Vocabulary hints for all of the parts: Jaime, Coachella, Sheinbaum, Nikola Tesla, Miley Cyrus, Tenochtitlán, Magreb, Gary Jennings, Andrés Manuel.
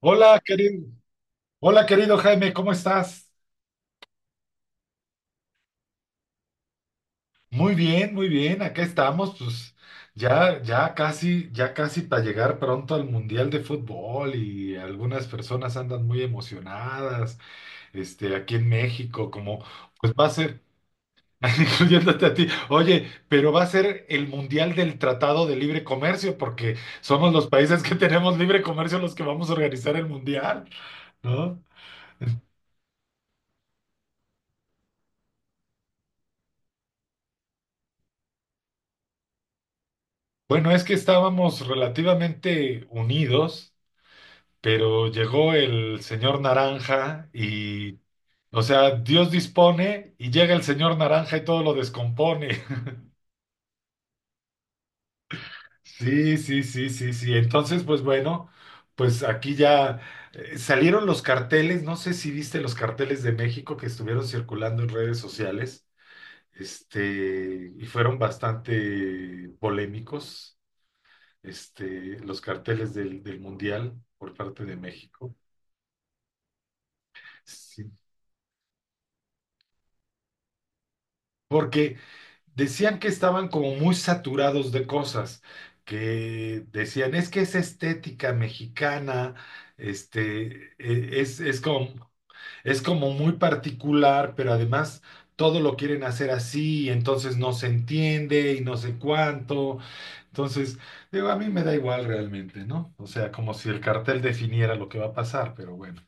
Hola, querido, hola, querido Jaime, ¿cómo estás? Muy bien, acá estamos, pues ya casi para llegar pronto al Mundial de Fútbol y algunas personas andan muy emocionadas, aquí en México, como, pues va a ser, incluyéndote a ti. Oye, pero va a ser el Mundial del Tratado de Libre Comercio, porque somos los países que tenemos libre comercio los que vamos a organizar el Mundial, ¿no? Bueno, es que estábamos relativamente unidos, pero llegó el señor Naranja y, o sea, Dios dispone y llega el señor Naranja y todo lo descompone. Sí, sí, sí, sí, sí. Entonces, pues bueno, pues aquí ya salieron los carteles. No sé si viste los carteles de México que estuvieron circulando en redes sociales, y fueron bastante polémicos. Los carteles del Mundial por parte de México, sí. Porque decían que estaban como muy saturados de cosas, que decían, es que es estética mexicana, este, e- es, es como, es como muy particular, pero además todo lo quieren hacer así, y entonces no se entiende y no sé cuánto. Entonces, digo, a mí me da igual realmente, ¿no? O sea, como si el cartel definiera lo que va a pasar, pero bueno.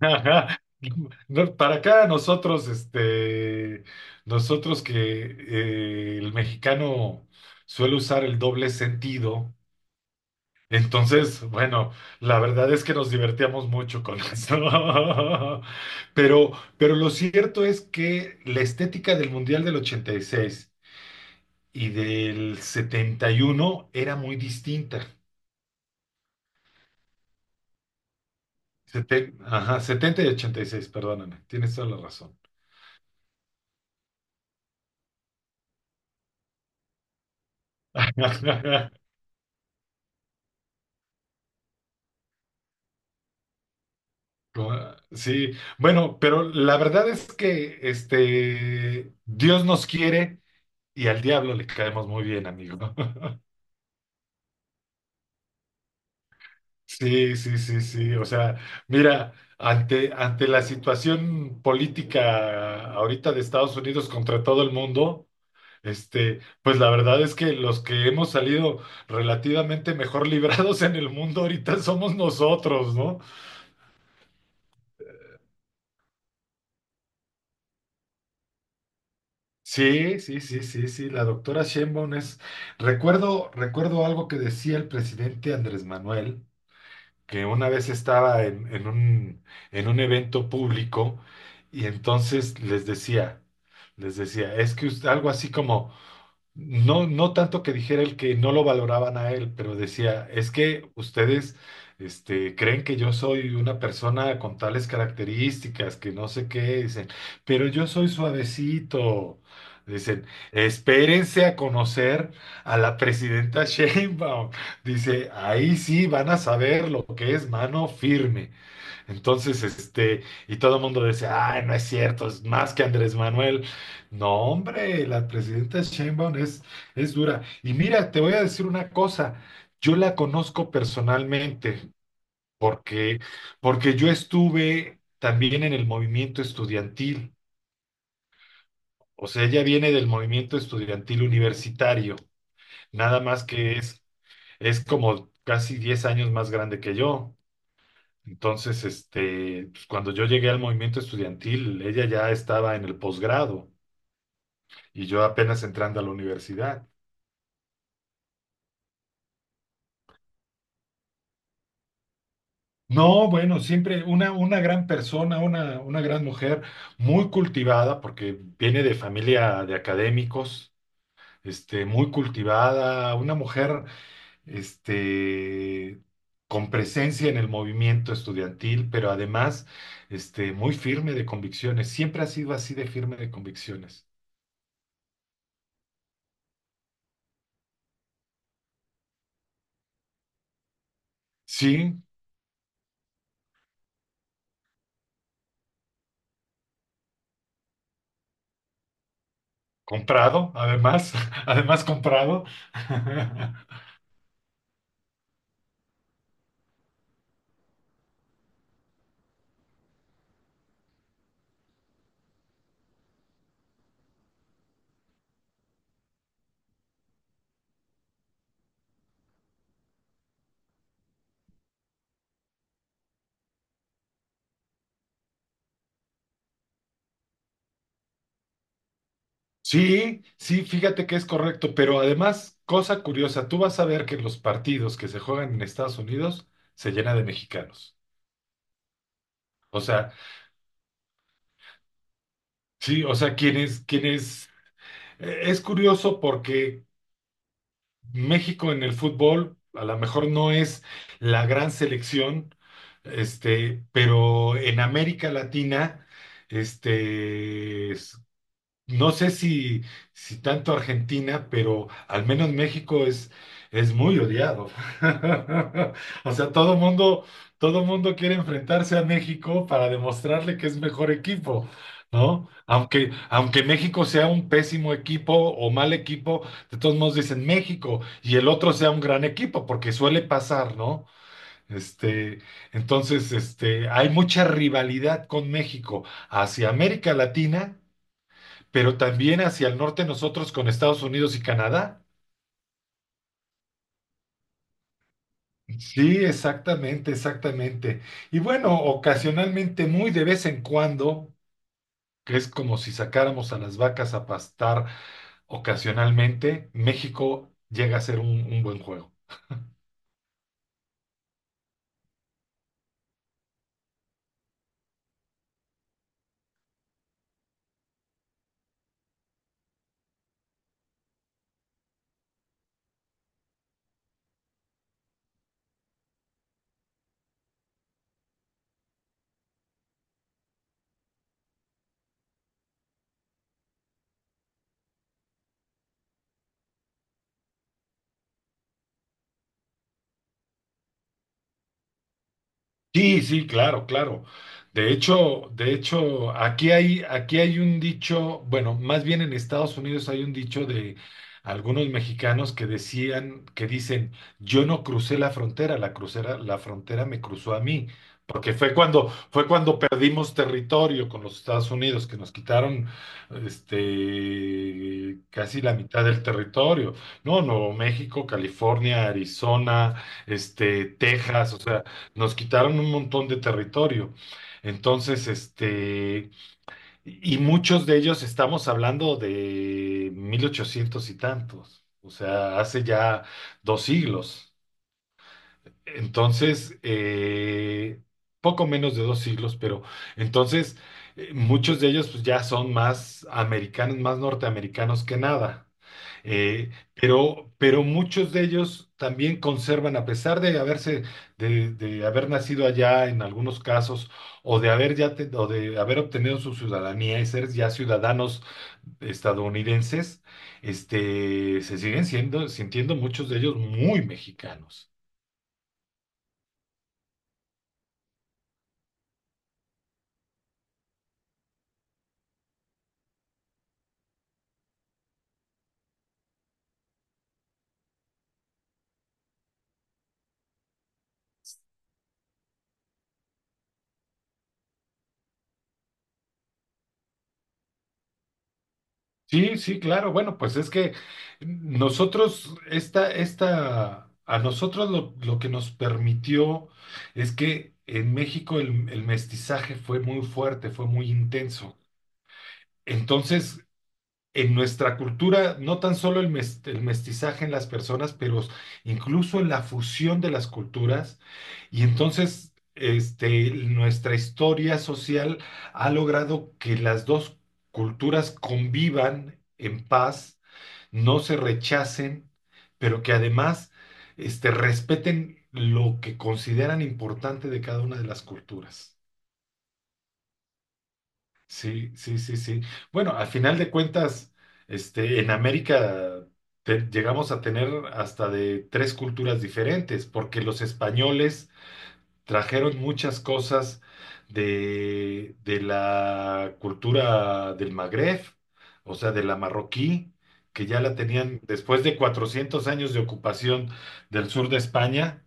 Ajá. No, para acá nosotros, nosotros que el mexicano suele usar el doble sentido. Entonces, bueno, la verdad es que nos divertíamos mucho con eso. Pero, pero lo cierto es que la estética del Mundial del ochenta y seis y del 71 era muy distinta. Setenta y ochenta y seis, perdóname, tienes toda la razón. Sí, bueno, pero la verdad es que Dios nos quiere y al diablo le caemos muy bien, amigo. Sí, sí, sí, sí. O sea, mira, ante la situación política ahorita de Estados Unidos contra todo el mundo, pues la verdad es que los que hemos salido relativamente mejor librados en el mundo ahorita somos nosotros, ¿no? Sí, sí, sí, sí, sí, la doctora Sheinbaum es... Recuerdo algo que decía el presidente Andrés Manuel, que una vez estaba en un evento público, y entonces les decía, es que algo así como... No, no tanto que dijera el que no lo valoraban a él, pero decía, es que ustedes, creen que yo soy una persona con tales características, que no sé qué, dicen, pero yo soy suavecito. Dicen, espérense a conocer a la presidenta Sheinbaum. Dice, ahí sí van a saber lo que es mano firme. Entonces, y todo el mundo dice, ay, no es cierto, es más que Andrés Manuel. No, hombre, la presidenta Sheinbaum es dura. Y mira, te voy a decir una cosa, yo la conozco personalmente, porque, porque yo estuve también en el movimiento estudiantil. O sea, ella viene del movimiento estudiantil universitario, nada más que es como casi 10 años más grande que yo. Entonces, pues, cuando yo llegué al movimiento estudiantil, ella ya estaba en el posgrado y yo apenas entrando a la universidad. No, bueno, siempre una gran persona, una gran mujer, muy cultivada, porque viene de familia de académicos, muy cultivada, una mujer, este, con presencia en el movimiento estudiantil, pero además, muy firme de convicciones. Siempre ha sido así de firme de convicciones. Sí. Comprado, además, además comprado. Sí, sí, fíjate que es correcto, pero además, cosa curiosa, tú vas a ver que los partidos que se juegan en Estados Unidos se llenan de mexicanos. O sea, sí, o sea, es curioso porque México en el fútbol a lo mejor no es la gran selección, pero en América Latina, este, es- no sé si, si tanto Argentina, pero al menos México es muy odiado. O sea, todo mundo quiere enfrentarse a México para demostrarle que es mejor equipo, ¿no? Aunque México sea un pésimo equipo o mal equipo, de todos modos dicen México y el otro sea un gran equipo, porque suele pasar, ¿no? Este, entonces, hay mucha rivalidad con México hacia América Latina, pero también hacia el norte nosotros con Estados Unidos y Canadá. Sí, exactamente, exactamente. Y bueno, ocasionalmente, muy de vez en cuando, que es como si sacáramos a las vacas a pastar ocasionalmente, México llega a ser un buen juego. Sí, sí, claro, claro. De hecho, aquí hay un dicho, bueno, más bien en Estados Unidos hay un dicho de algunos mexicanos que decían, que dicen, yo no crucé la frontera, la crucera, la frontera me cruzó a mí, porque fue cuando perdimos territorio con los Estados Unidos, que nos quitaron casi la mitad del territorio. No, Nuevo México, California, Arizona, Texas, o sea. Nos quitaron un montón de territorio. Entonces, y muchos de ellos, estamos hablando de 1800 y tantos, o sea, hace ya 2 siglos. Entonces, poco menos de 2 siglos. Pero entonces muchos de ellos pues ya son más americanos, más norteamericanos que nada. Pero muchos de ellos también conservan, a pesar de haberse, de haber nacido allá en algunos casos, o de haber ya o de haber obtenido su ciudadanía y ser ya ciudadanos estadounidenses, se siguen siendo, sintiendo muchos de ellos muy mexicanos. Sí, sí, claro. Bueno, pues es que nosotros, a nosotros lo que nos permitió es que en México el mestizaje fue muy fuerte, fue muy intenso. Entonces, en nuestra cultura, no tan solo el mestizaje en las personas, pero incluso en la fusión de las culturas. Y entonces, nuestra historia social ha logrado que las dos culturas convivan en paz, no se rechacen, pero que además respeten lo que consideran importante de cada una de las culturas. Sí, sí, sí, sí. Bueno, al final de cuentas, en América llegamos a tener hasta de tres culturas diferentes, porque los españoles trajeron muchas cosas de la cultura del Magreb, o sea, de la marroquí, que ya la tenían después de 400 años de ocupación del sur de España.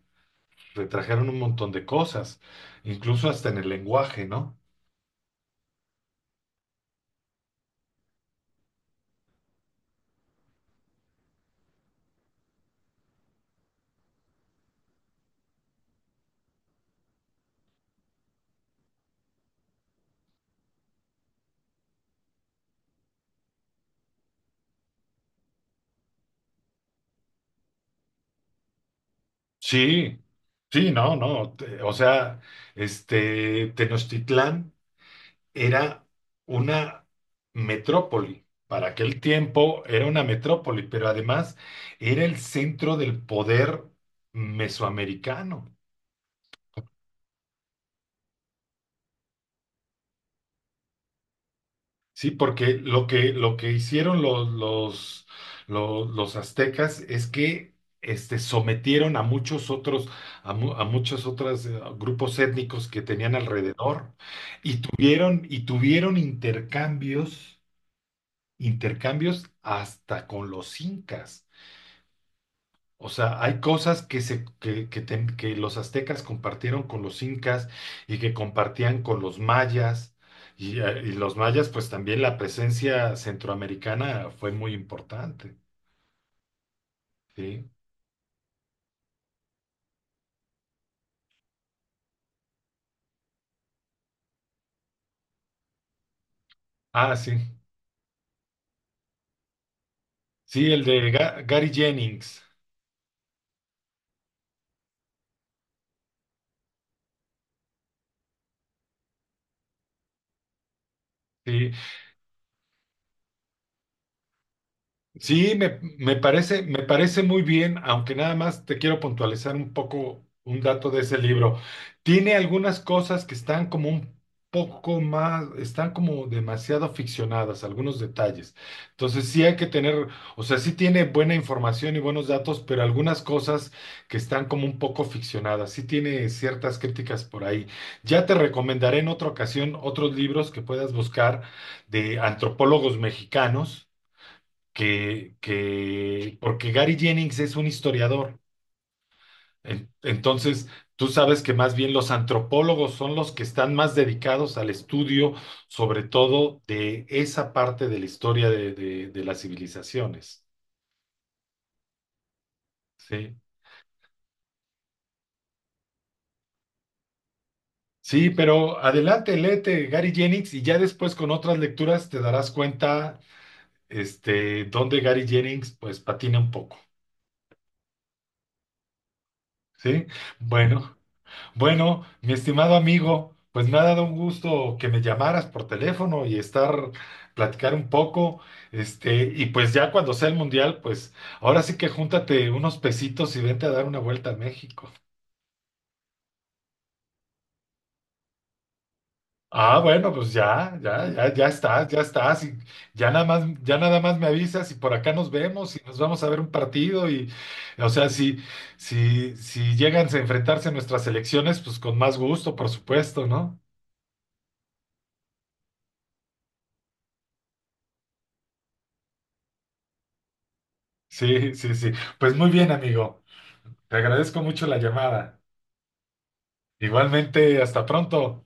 Retrajeron un montón de cosas, incluso hasta en el lenguaje, ¿no? Sí, sí, no, no, o sea, Tenochtitlán era una metrópoli. Para aquel tiempo era una metrópoli, pero además era el centro del poder mesoamericano. Sí, porque lo que hicieron los aztecas es que sometieron a muchos otros, a muchos otros grupos étnicos que tenían alrededor, y tuvieron intercambios, hasta con los incas. O sea, hay cosas que, se, que ten- que los aztecas compartieron con los incas y que compartían con los mayas. Y los mayas, pues también la presencia centroamericana fue muy importante. Sí. Ah, sí. Sí, el de Gary Jennings. Sí. Sí, me parece muy bien, aunque nada más te quiero puntualizar un poco un dato de ese libro. Tiene algunas cosas que están como un poco más, están como demasiado ficcionadas, algunos detalles. Entonces sí hay que tener, o sea, sí tiene buena información y buenos datos, pero algunas cosas que están como un poco ficcionadas. Sí tiene ciertas críticas por ahí. Ya te recomendaré en otra ocasión otros libros que puedas buscar de antropólogos mexicanos porque Gary Jennings es un historiador. Entonces, tú sabes que más bien los antropólogos son los que están más dedicados al estudio, sobre todo de esa parte de la historia de las civilizaciones. Sí. Sí, pero adelante, léete Gary Jennings y ya después con otras lecturas te darás cuenta dónde Gary Jennings pues patina un poco. Sí. Bueno. Bueno, mi estimado amigo, pues me ha dado un gusto que me llamaras por teléfono y estar, platicar un poco, y pues ya cuando sea el mundial, pues ahora sí que júntate unos pesitos y vente a dar una vuelta a México. Ah, bueno, pues ya estás, y ya nada más me avisas y por acá nos vemos y nos vamos a ver un partido y, o sea, si llegan a enfrentarse nuestras elecciones, pues con más gusto, por supuesto, ¿no? Sí, sí, sí. Pues muy bien, amigo. Te agradezco mucho la llamada. Igualmente, hasta pronto.